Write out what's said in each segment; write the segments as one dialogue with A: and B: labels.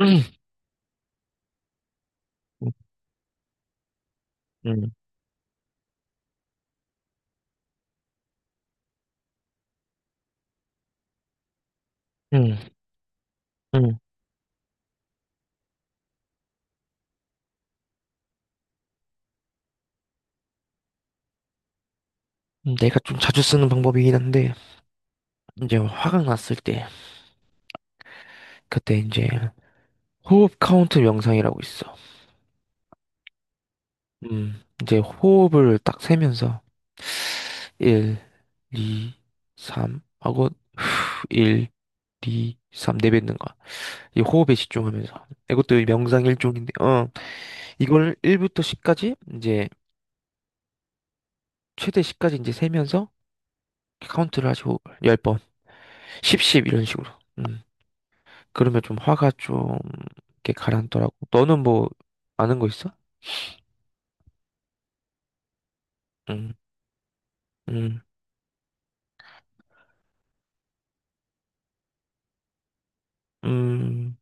A: 음, 음, 음, 음. 내가 좀 자주 쓰는 방법이긴 한데, 이제 화가 났을 때, 그때 이제 호흡 카운트 명상이라고 있어. 이제 호흡을 딱 세면서, 1, 2, 3 하고, 후, 1, 2, 3 내뱉는 거야. 이 호흡에 집중하면서. 이것도 명상 일종인데, 이걸 1부터 10까지, 이제, 최대 10까지 이제 세면서 카운트를 하시고, 10번, 10, 10 이런 식으로. 음. 그러면 좀 화가 좀 이렇게 가라앉더라고. 너는 뭐 아는 거 있어? 응, 응, 음,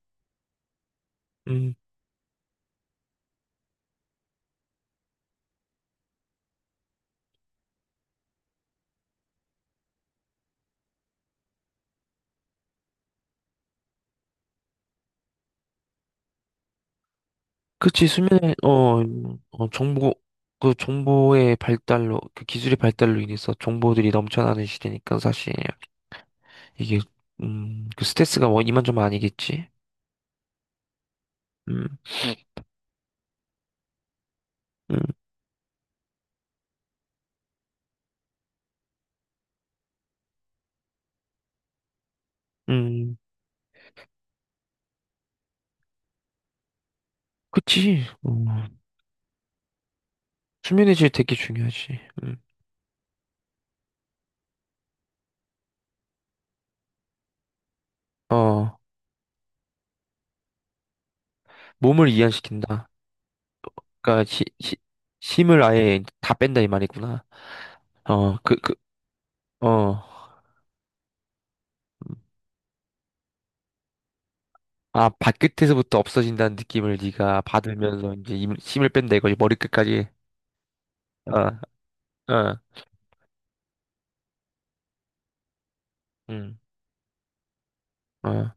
A: 음. 그치. 수면에 정보, 그 정보의 발달로 그 기술의 발달로 인해서 정보들이 넘쳐나는 시대니까 사실 이게 음 그 스트레스가 뭐 이만저만 아니겠지. 음, 음, 음. 그치. 수면의 질 되게 중요하지. 음. 어 몸을 이완시킨다. 그러니까 힘을 아예 다 뺀다 이 말이구나. 어, 그, 그, 어. 아, 발끝에서부터 없어진다는 느낌을 네가 받으면서 이제 힘을 뺀다 이거지. 머리끝까지. 어, 어, 음, 어.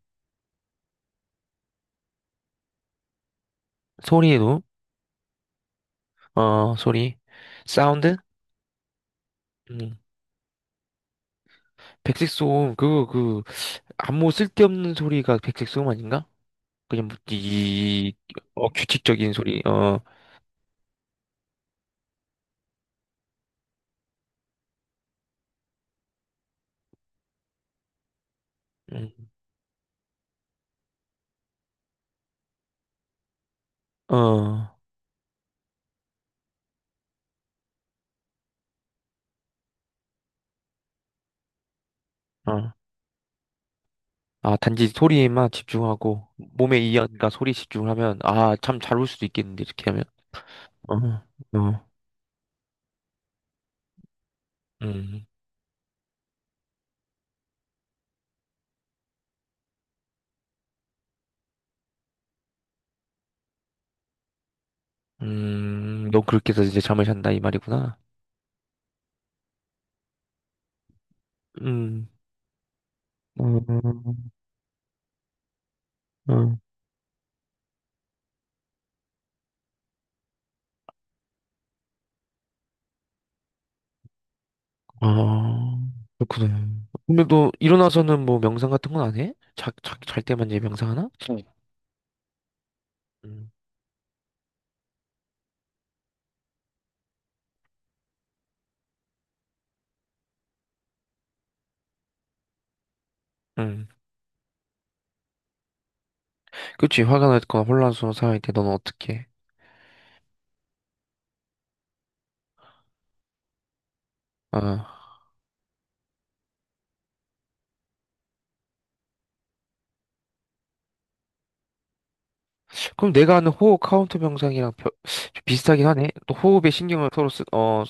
A: 소리에도, 어, 소리. 사운드? 음. 백색소음, 그거, 아무 쓸데없는 소리가 백색소음 아닌가? 그냥, 뭐 이, 규칙적인 소리, 어, 음, 어, 어. 아, 단지 소리에만 집중하고, 몸의 이완과 소리 집중하면, 아, 참 잘 올 수도 있겠는데, 이렇게 하면. 어, 어. 음, 너 그렇게 해서 이제 잠을 잔다 이 말이구나. 음, 음, 음. 아, 그렇구나. 근데 너 일어나서는 뭐 명상 같은 건 안 해? 잘 때만 이제 명상하나? 응. 음, 음. 그치, 화가 났거나 혼란스러운 상황일 때 너는 어떻게 해? 아, 그럼 내가 하는 호흡 카운트 명상이랑 좀 비슷하긴 하네. 또 호흡에 신경을 서로 쓰, 어,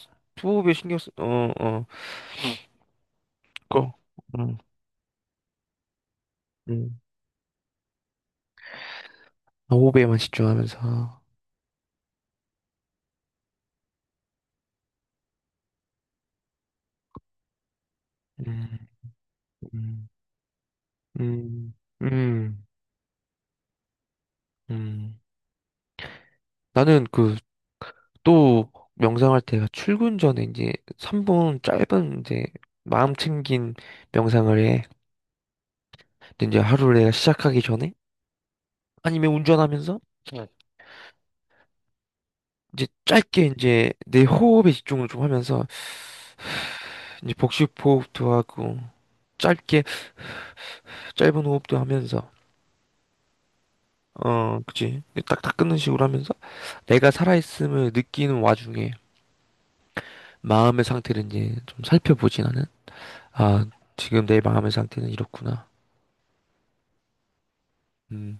A: 호흡에 신경 쓰, 어, 어, 거, 음, 음. 호흡에만 집중하면서. 음, 음. 음, 음, 음. 나는 그, 또, 명상할 때가 출근 전에 이제 3분 짧은 이제 마음 챙긴 명상을 해. 근데 이제 하루를 내가 시작하기 전에 아니면 운전하면서 네. 이제 짧게 이제 내 호흡에 집중을 좀 하면서 이제 복식 호흡도 하고 짧게 짧은 호흡도 하면서 어, 그치. 딱딱 끊는 식으로 하면서 내가 살아있음을 느끼는 와중에 마음의 상태를 이제 좀 살펴보지 나는. 아, 지금 내 마음의 상태는 이렇구나. 음,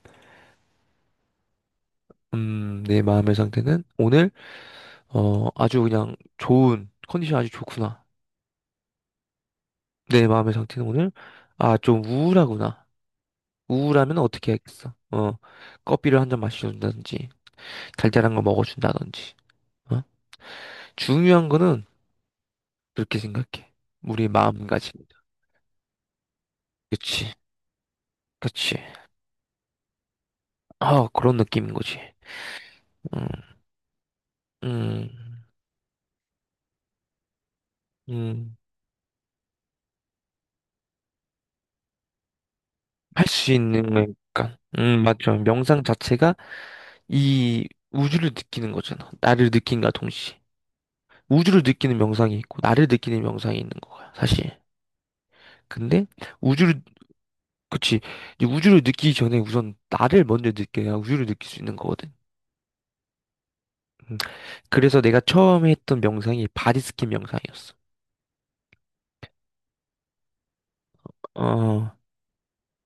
A: 내 마음의 상태는 오늘, 아주 그냥 좋은, 컨디션 아주 좋구나. 내 마음의 상태는 오늘, 아, 좀 우울하구나. 우울하면 어떻게 해야겠어? 커피를 한 잔 마셔준다든지, 달달한 거 먹어준다든지, 어? 중요한 거는 그렇게 생각해. 우리 마가짐 그렇지. 그치, 그치. 아, 그런 느낌인 거지. 음, 음, 음. 할 수 있는, 거니까 맞죠. 명상 자체가 이 우주를 느끼는 거잖아. 나를 느낀과 동시에. 우주를 느끼는 명상이 있고, 나를 느끼는 명상이 있는 거야, 사실. 근데, 우주를, 그치. 이제 우주를 느끼기 전에 우선 나를 먼저 느껴야 우주를 느낄 수 있는 거거든. 음, 그래서 내가 처음에 했던 명상이 바디스킨 명상이었어. 어,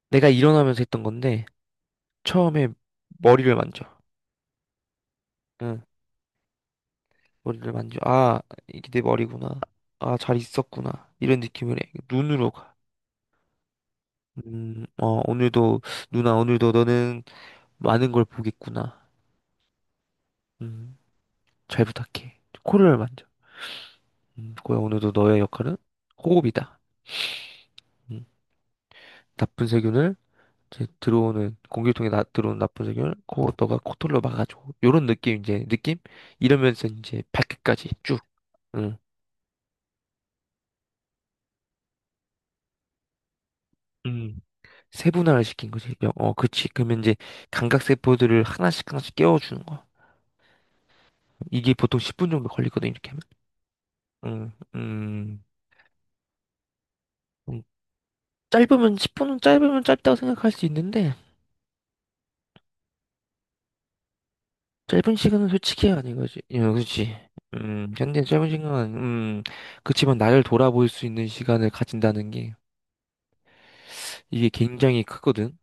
A: 내가 일어나면서 했던 건데, 처음에 머리를 만져. 응, 머리를 만져. 아, 이게 내 머리구나. 아, 잘 있었구나. 이런 느낌을 해. 눈으로 가. 오늘도, 누나, 오늘도 너는 많은 걸 보겠구나. 음, 잘 부탁해. 코를 만져. 고야, 오늘도 너의 역할은 호흡이다. 음, 나쁜 세균을, 이제 들어오는, 공기통에 나, 들어오는 나쁜 세균을, 코, 너가 코털로 막아줘. 요런 느낌, 이제, 느낌? 이러면서 이제 발끝까지 쭉, 음, 음, 세분화를 시킨 거지. 그치. 그러면 이제 감각세포들을 하나씩 하나씩 깨워주는 거야. 이게 보통 10분 정도 걸리거든, 이렇게 하면. 음, 음. 짧으면 10분은 짧으면 짧다고 생각할 수 있는데 짧은 시간은 솔직히 아닌 거지. 예, 그렇지. 현대 짧은 시간, 그치만 나를 돌아볼 수 있는 시간을 가진다는 게 이게 굉장히 크거든.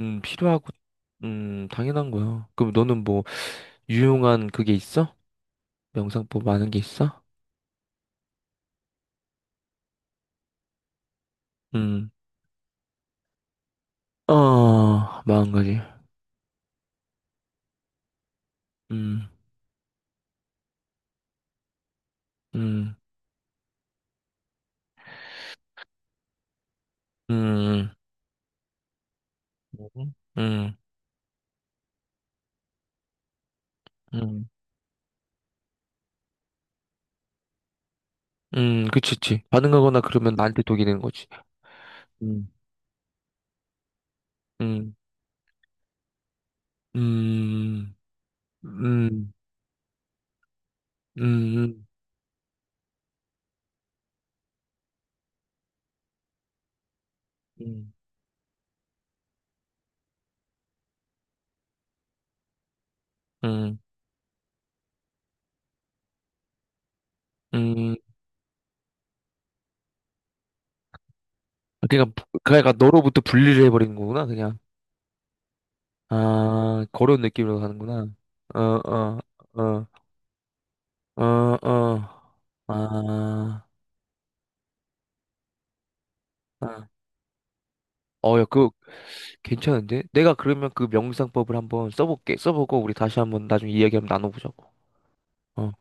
A: 필요하고, 당연한 거야. 그럼 너는 뭐 유용한 그게 있어? 명상법 아는 게 있어? 음, 마음가짐. 음, 음, 음, 음, 음, 음, 음, 그치, 그치. 반응하거나 그러면 나한테 독이 되는 거지. 음. 음. 음, 음, 음, 음, 음, 음. 음. 그러니까 너로부터 분리를 해버린 거구나 그냥. 아, 그런 느낌으로 가는구나. 어, 어, 어, 어, 어. 아, 아. 야, 그 괜찮은데? 내가 그러면 그 명상법을 한번 써볼게. 써보고 우리 다시 한번 나중에 이야기 한번 나눠보자고. 어,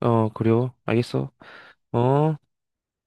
A: 그래요. 알겠어. 어.